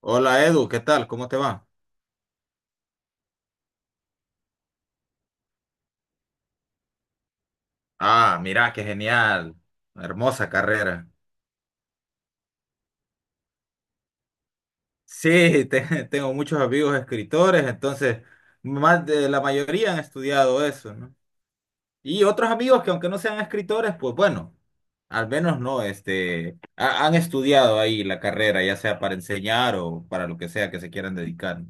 Hola Edu, ¿qué tal? ¿Cómo te va? Ah, mira, qué genial. Hermosa carrera. Sí, tengo muchos amigos escritores, entonces más de la mayoría han estudiado eso, ¿no? Y otros amigos que aunque no sean escritores, pues bueno, al menos no, han estudiado ahí la carrera, ya sea para enseñar o para lo que sea que se quieran dedicar.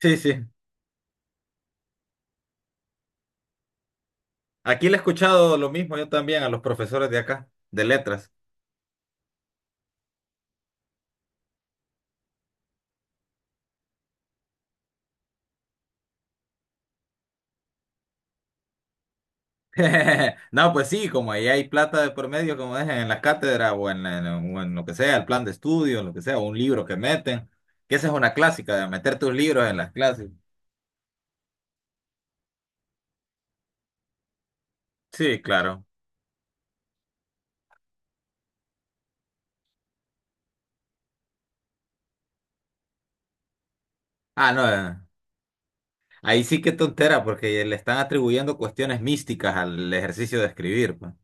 Sí, sí. Aquí le he escuchado lo mismo yo también a los profesores de acá, de letras. No, pues sí, como ahí hay plata de por medio, como dejan en las cátedras o en o en lo que sea, el plan de estudio, lo que sea, un libro que meten, que esa es una clásica, de meter tus libros en las clases. Sí, claro. Ah, no, ahí sí que tontera, porque le están atribuyendo cuestiones místicas al ejercicio de escribir, pues.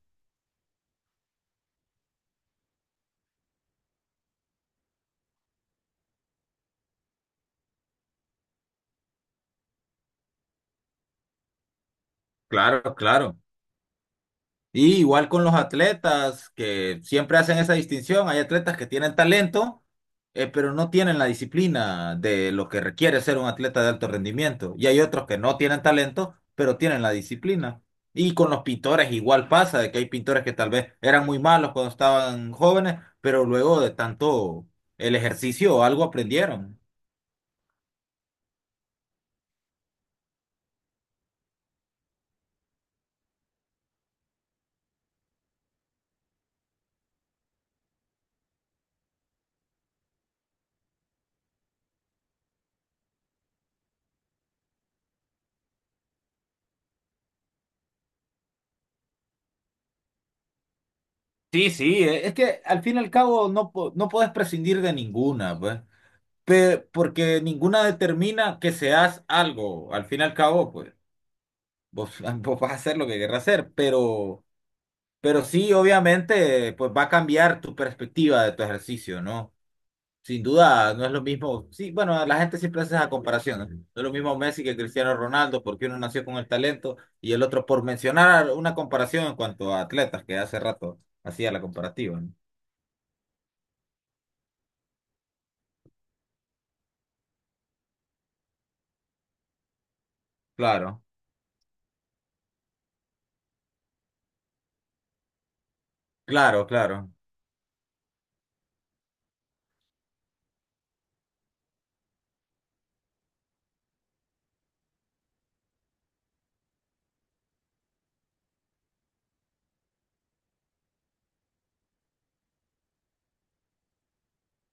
Claro, claro. Y igual con los atletas que siempre hacen esa distinción, hay atletas que tienen talento, pero no tienen la disciplina de lo que requiere ser un atleta de alto rendimiento. Y hay otros que no tienen talento, pero tienen la disciplina. Y con los pintores igual pasa, de que hay pintores que tal vez eran muy malos cuando estaban jóvenes, pero luego de tanto el ejercicio o algo aprendieron. Sí, sí, es que al fin y al cabo no, no puedes prescindir de ninguna, pues. Porque ninguna determina que seas algo, al fin y al cabo, pues vos, vos vas a hacer lo que querrás hacer, pero, sí, obviamente, pues va a cambiar tu perspectiva de tu ejercicio, ¿no? Sin duda, no es lo mismo, sí, bueno, la gente siempre hace esa comparación, ¿no? No es lo mismo Messi que Cristiano Ronaldo, porque uno nació con el talento y el otro, por mencionar una comparación en cuanto a atletas, que hace rato hacía la comparativa, ¿no? Claro, claro, claro,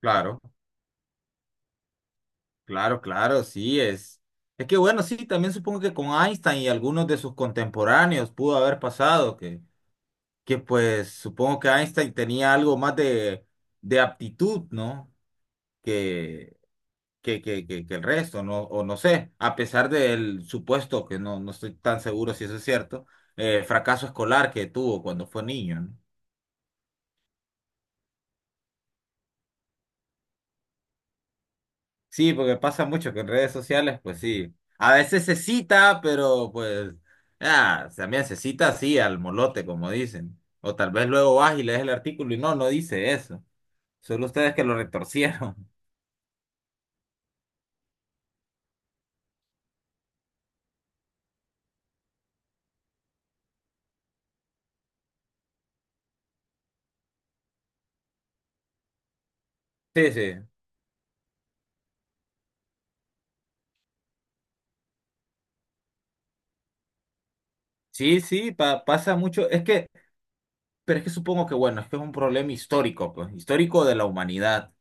claro. Claro, claro, sí es. Es que bueno, sí, también supongo que con Einstein y algunos de sus contemporáneos pudo haber pasado, que, pues supongo que Einstein tenía algo más de aptitud, ¿no? Que, que el resto, ¿no? O no sé, a pesar del supuesto, que no estoy tan seguro si eso es cierto, fracaso escolar que tuvo cuando fue niño, ¿no? Sí, porque pasa mucho que en redes sociales, pues sí. A veces se cita, pero pues, también se cita así, al molote, como dicen. O tal vez luego vas y lees el artículo y no dice eso. Solo ustedes que lo retorcieron. Sí, sí. Sí, sí, pasa mucho. Es que, pero es que supongo que, bueno, es que es un problema histórico, pues, histórico de la humanidad.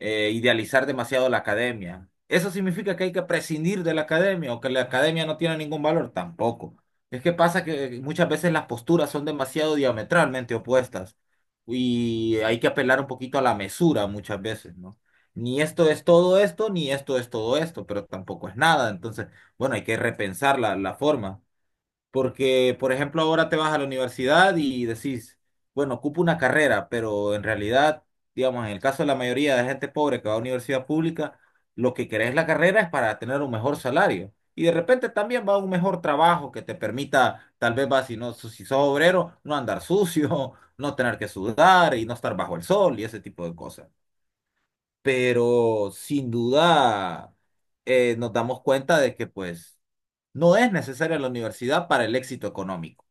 Idealizar demasiado la academia. ¿Eso significa que hay que prescindir de la academia o que la academia no tiene ningún valor? Tampoco. Es que pasa que muchas veces las posturas son demasiado diametralmente opuestas y hay que apelar un poquito a la mesura muchas veces, ¿no? Ni esto es todo esto, ni esto es todo esto, pero tampoco es nada. Entonces, bueno, hay que repensar la forma. Porque, por ejemplo, ahora te vas a la universidad y decís, bueno, ocupo una carrera, pero en realidad, digamos, en el caso de la mayoría de gente pobre que va a universidad pública, lo que querés la carrera es para tener un mejor salario. Y de repente también va a un mejor trabajo que te permita, tal vez va, si no, si sos obrero, no andar sucio, no tener que sudar y no estar bajo el sol y ese tipo de cosas, pero sin duda nos damos cuenta de que pues no es necesaria la universidad para el éxito económico.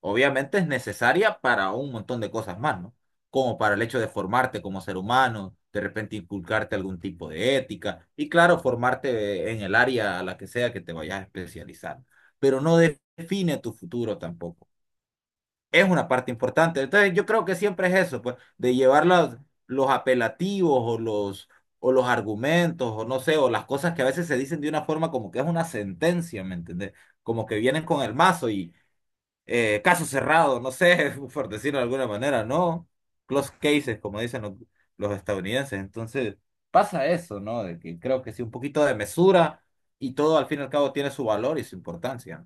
Obviamente es necesaria para un montón de cosas más, ¿no? Como para el hecho de formarte como ser humano, de repente inculcarte algún tipo de ética y claro, formarte en el área a la que sea que te vayas a especializar, pero no define tu futuro tampoco, es una parte importante. Entonces, yo creo que siempre es eso, pues, de llevar los apelativos o los argumentos, o no sé, o las cosas que a veces se dicen de una forma como que es una sentencia, ¿me entendés? Como que vienen con el mazo y caso cerrado, no sé, por decirlo de alguna manera, ¿no? Close cases, como dicen los estadounidenses. Entonces, pasa eso, ¿no? De que creo que sí, un poquito de mesura y todo al fin y al cabo tiene su valor y su importancia.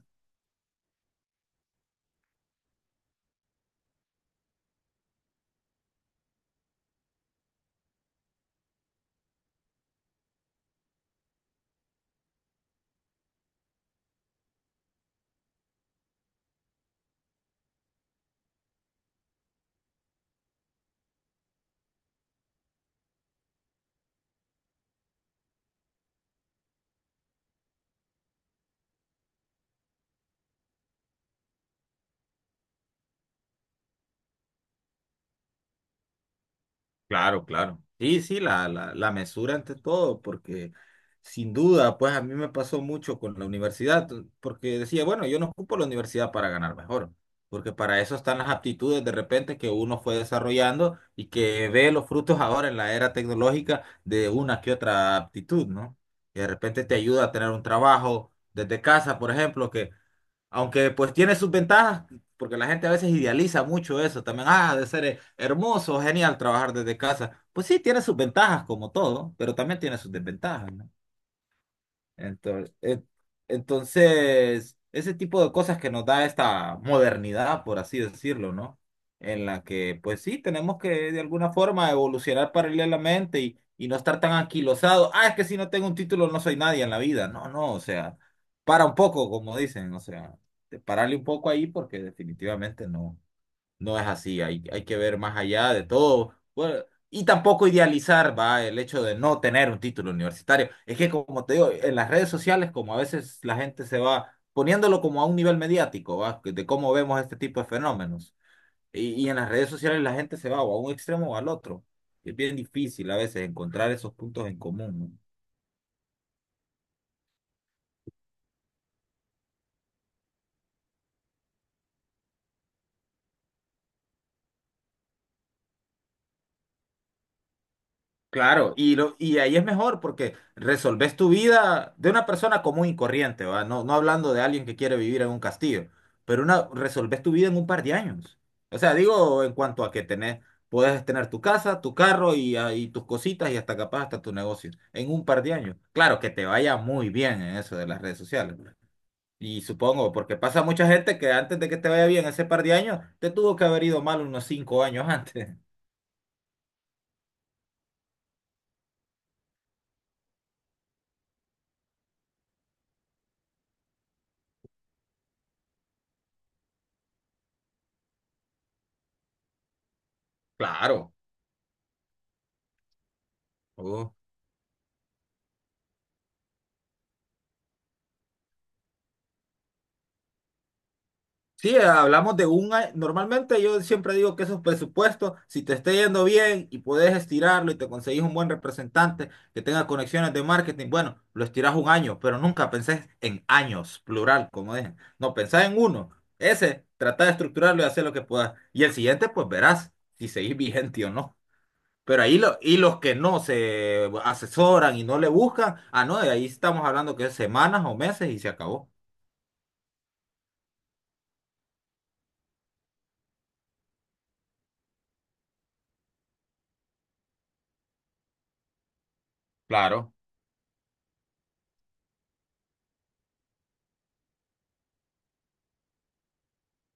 Claro, claro. Sí, sí, la mesura ante todo, porque sin duda, pues a mí me pasó mucho con la universidad, porque decía, bueno, yo no ocupo la universidad para ganar mejor, porque para eso están las aptitudes de repente que uno fue desarrollando y que ve los frutos ahora en la era tecnológica de una que otra aptitud, ¿no? Y de repente te ayuda a tener un trabajo desde casa, por ejemplo, que aunque pues tiene sus ventajas, porque la gente a veces idealiza mucho eso también. Ah, ha de ser hermoso, genial trabajar desde casa. Pues sí, tiene sus ventajas como todo, pero también tiene sus desventajas, ¿no? Entonces, entonces, ese tipo de cosas que nos da esta modernidad, por así decirlo, ¿no? En la que, pues sí, tenemos que de alguna forma evolucionar paralelamente y no estar tan anquilosados. Ah, es que si no tengo un título no soy nadie en la vida. No, no, o sea, para un poco, como dicen, o sea, pararle un poco ahí porque definitivamente no. No es así, hay que ver más allá de todo. Bueno, y tampoco idealizar, va, el hecho de no tener un título universitario. Es que, como te digo, en las redes sociales, como a veces la gente se va poniéndolo como a un nivel mediático, va, de cómo vemos este tipo de fenómenos. Y en las redes sociales la gente se va o a un extremo o al otro. Es bien difícil a veces encontrar esos puntos en común, ¿no? Claro, y ahí es mejor porque resolves tu vida de una persona común y corriente, ¿va? No, no hablando de alguien que quiere vivir en un castillo, pero resolves tu vida en un par de años. O sea, digo en cuanto a que puedes tener tu casa, tu carro y tus cositas y hasta capaz hasta tu negocio en un par de años. Claro, que te vaya muy bien en eso de las redes sociales. Y supongo, porque pasa mucha gente que antes de que te vaya bien ese par de años, te tuvo que haber ido mal unos 5 años antes. Claro. Sí, hablamos de un año. Normalmente yo siempre digo que esos presupuestos, si te está yendo bien y puedes estirarlo y te conseguís un buen representante que tenga conexiones de marketing, bueno, lo estirás un año, pero nunca pensés en años, plural, como dejen. No, pensás en uno. Ese, trata de estructurarlo y hacer lo que puedas. Y el siguiente, pues verás si seguís vigente o no. Pero ahí y los que no se asesoran y no le buscan, no, de ahí estamos hablando que es semanas o meses y se acabó. Claro.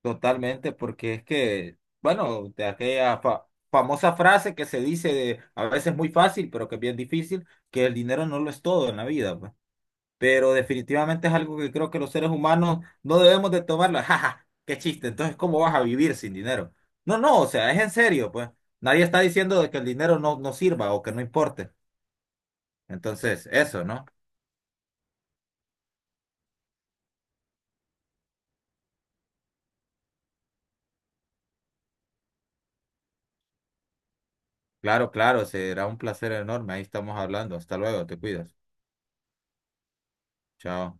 Totalmente, porque es que, bueno, de aquella famosa frase que se dice de, a veces muy fácil, pero que es bien difícil, que el dinero no lo es todo en la vida, pues. Pero definitivamente es algo que creo que los seres humanos no debemos de tomarlo. Jaja, qué chiste. Entonces, ¿cómo vas a vivir sin dinero? No, no, o sea, es en serio, pues. Nadie está diciendo de que el dinero no sirva o que no importe. Entonces, eso, ¿no? Claro, claro, será un placer enorme. Ahí estamos hablando. Hasta luego, te cuidas. Chao.